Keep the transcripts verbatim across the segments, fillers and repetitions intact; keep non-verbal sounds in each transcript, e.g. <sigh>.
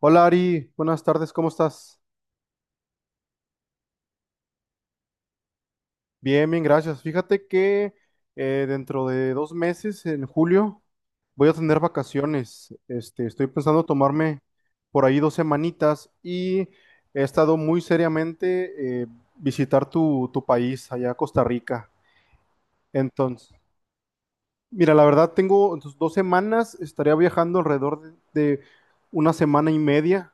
Hola Ari, buenas tardes, ¿cómo estás? Bien, bien, gracias. Fíjate que eh, dentro de dos meses, en julio, voy a tener vacaciones. Este, estoy pensando tomarme por ahí dos semanitas y he estado muy seriamente eh, visitar tu, tu país, allá Costa Rica. Entonces, mira, la verdad tengo entonces, dos semanas, estaría viajando alrededor de de una semana y media.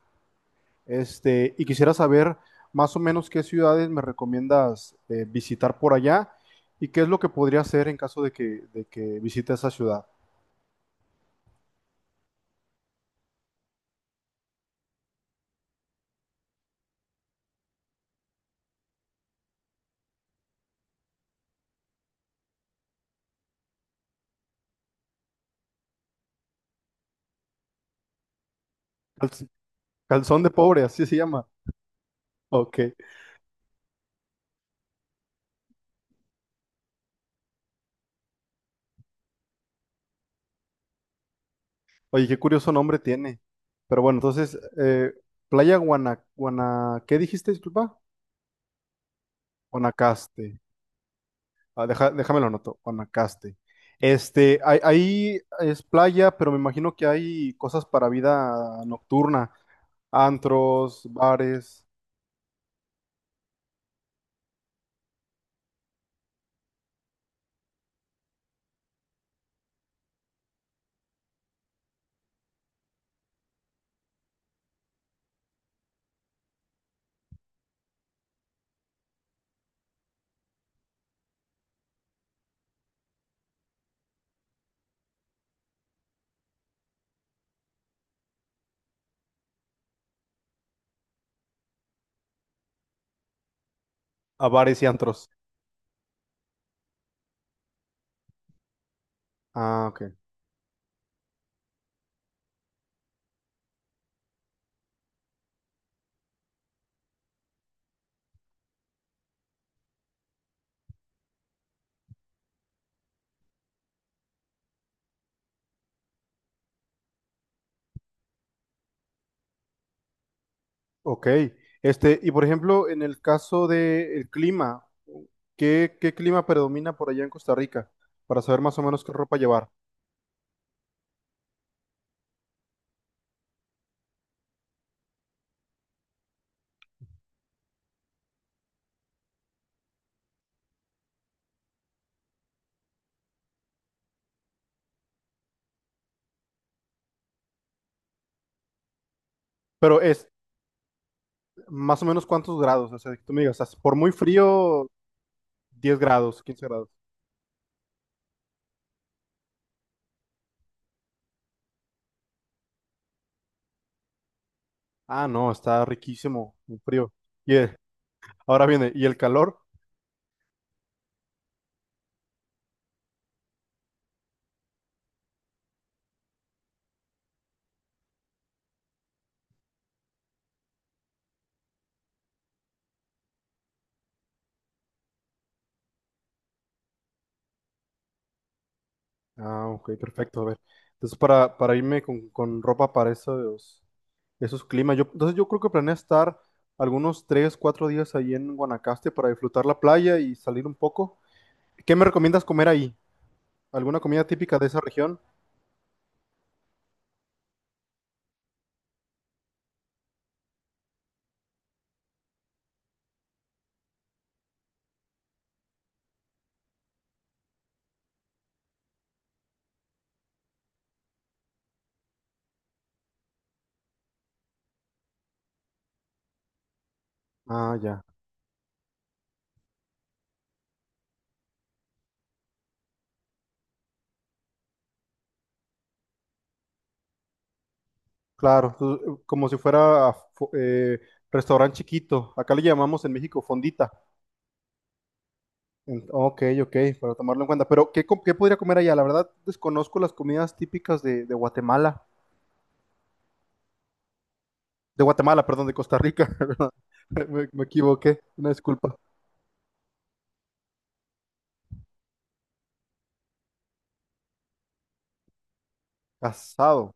Este, y quisiera saber más o menos qué ciudades me recomiendas eh, visitar por allá y qué es lo que podría hacer en caso de que, de que visite esa ciudad. Calz- Calzón de pobre, así se llama. Ok. Oye, qué curioso nombre tiene. Pero bueno, entonces, eh, Playa Guana, Guana, ¿qué dijiste, disculpa? Guanacaste. Ah, deja- déjame lo anoto, Guanacaste. Este, ahí, ahí es playa, pero me imagino que hay cosas para vida nocturna, antros, bares. A bares y antros. Ah, ok. Ok. Este, y por ejemplo, en el caso del clima, ¿qué, ¿qué clima predomina por allá en Costa Rica? Para saber más o menos qué ropa llevar. Pero es más o menos cuántos grados, o sea, que tú me digas, "Ah, por muy frío, diez grados, quince grados". Ah, no, está riquísimo, muy frío. Y eh, ahora viene, ¿y el calor? Ah, ok, perfecto, a ver. Entonces, para, para irme con, con ropa para esos, eso es clima. Yo, entonces yo creo que planeo estar algunos tres cuatro días ahí en Guanacaste para disfrutar la playa y salir un poco. ¿Qué me recomiendas comer ahí? ¿Alguna comida típica de esa región? Ah, ya. Claro, tú- como si fuera fu- eh, restaurante chiquito. Acá le llamamos en México fondita. En- ok, ok, para tomarlo en cuenta. Pero ¿qué, com- qué podría comer allá? La verdad desconozco las comidas típicas de, de Guatemala. De Guatemala, perdón, de Costa Rica. <laughs> ¿Verdad? Me, me equivoqué. Una disculpa. Casado.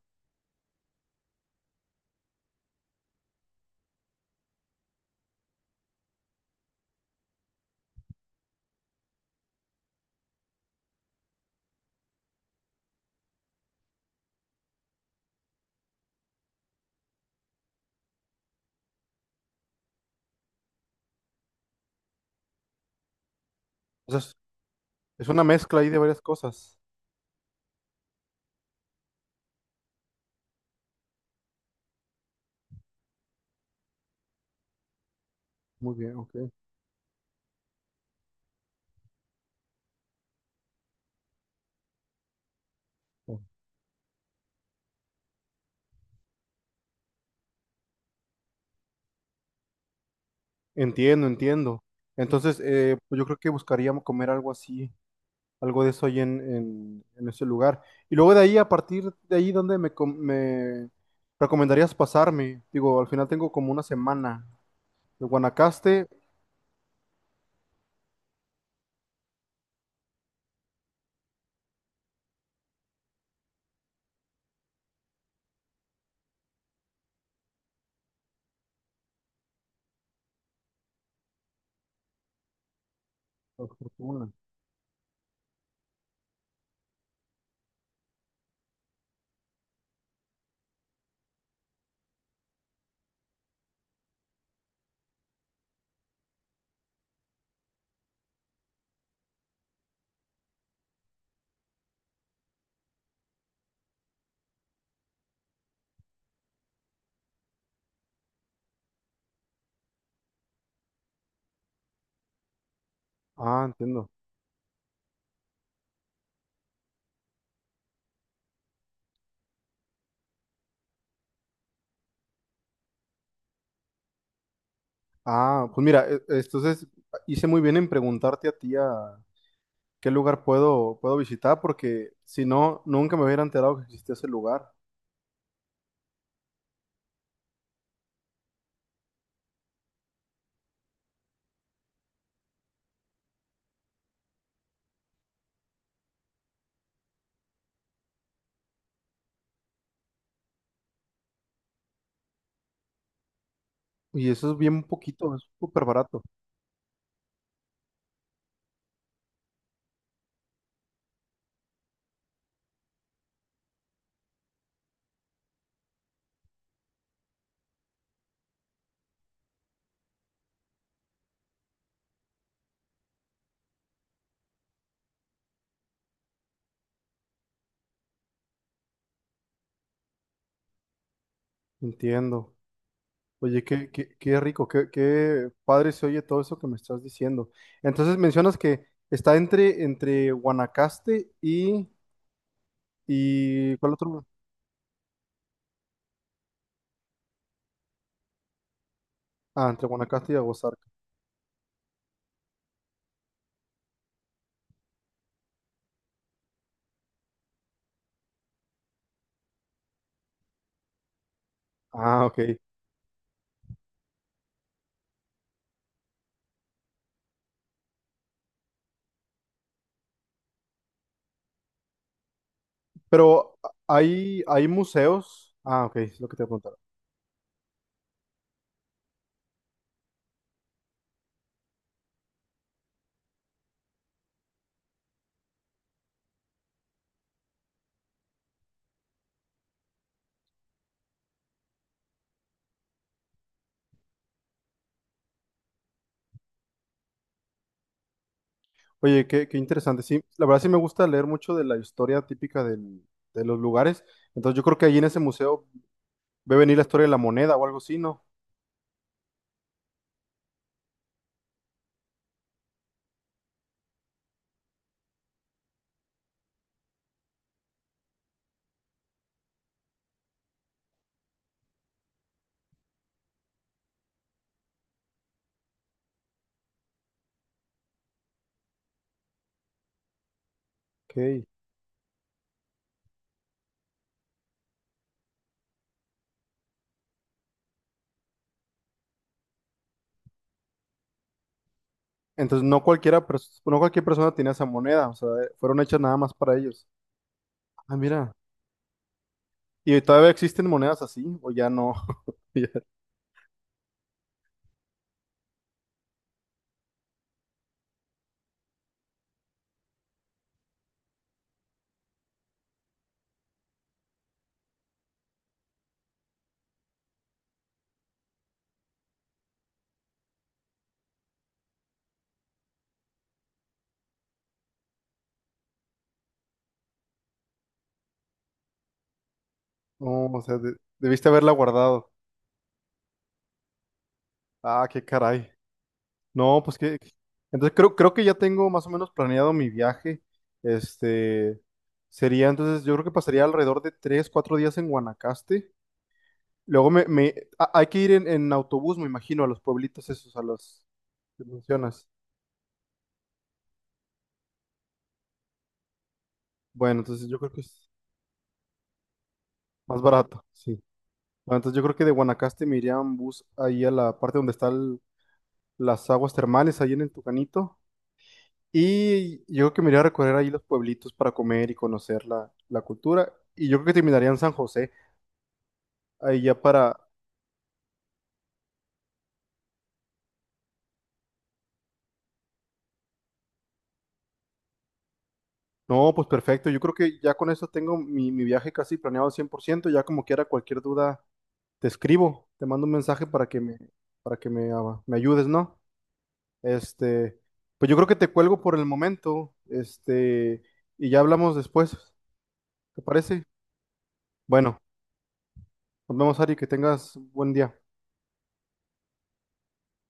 Es una mezcla ahí de varias cosas. Muy bien, ok. Oh. Entiendo, entiendo. Entonces, eh, pues yo creo que buscaríamos comer algo así, algo de eso ahí en, en, en ese lugar. Y luego de ahí, a partir de ahí, ¿dónde me, com- me recomendarías pasarme? Digo, al final tengo como una semana. De Guanacaste a Fortuna. Ah, entiendo. Ah, pues mira, e- entonces hice muy bien en preguntarte a ti a qué lugar puedo, puedo visitar, porque si no, nunca me hubiera enterado que existía ese lugar. Y eso es bien poquito, es súper barato. Entiendo. Oye, qué, qué, qué rico, qué, qué padre se oye todo eso que me estás diciendo. Entonces mencionas que está entre, entre Guanacaste y, y... ¿Cuál otro? Ah, entre Guanacaste y Aguasarca. Ah, ok. Pero hay, hay museos. Ah, ok, es lo que te preguntaba. Oye, qué, qué interesante. Sí, la verdad sí me gusta leer mucho de la historia típica del- de los lugares. Entonces yo creo que ahí en ese museo ve venir la historia de la moneda o algo así, ¿no? Ok. Entonces no cualquiera, pers- no cualquier persona tenía esa moneda, o sea, eh, fueron hechas nada más para ellos. Ah, mira. ¿Y todavía existen monedas así? ¿O ya no? <laughs> Ya- no, o sea, de- debiste haberla guardado. Ah, qué caray. No, pues que... Entonces creo, creo que ya tengo más o menos planeado mi viaje. Este, sería entonces, yo creo que pasaría alrededor de tres, cuatro días en Guanacaste. Luego me, me- a- hay que ir en, en autobús, me imagino, a los pueblitos esos, a los que mencionas. Bueno, entonces yo creo que es más barato, sí. Ah, entonces yo creo que de Guanacaste me iría en bus ahí a la parte donde están las aguas termales, ahí en el Tucanito. Y yo creo que me iría a recorrer ahí los pueblitos para comer y conocer la, la cultura. Y yo creo que terminaría en San José, ahí ya para... No, pues perfecto. Yo creo que ya con eso tengo mi, mi viaje casi planeado al cien por ciento. Ya como quiera, cualquier duda te escribo, te mando un mensaje para que me, para que me, ah, me ayudes, ¿no? Este, pues yo creo que te cuelgo por el momento, este, y ya hablamos después. ¿Te parece? Bueno, nos vemos, Ari, que tengas buen día.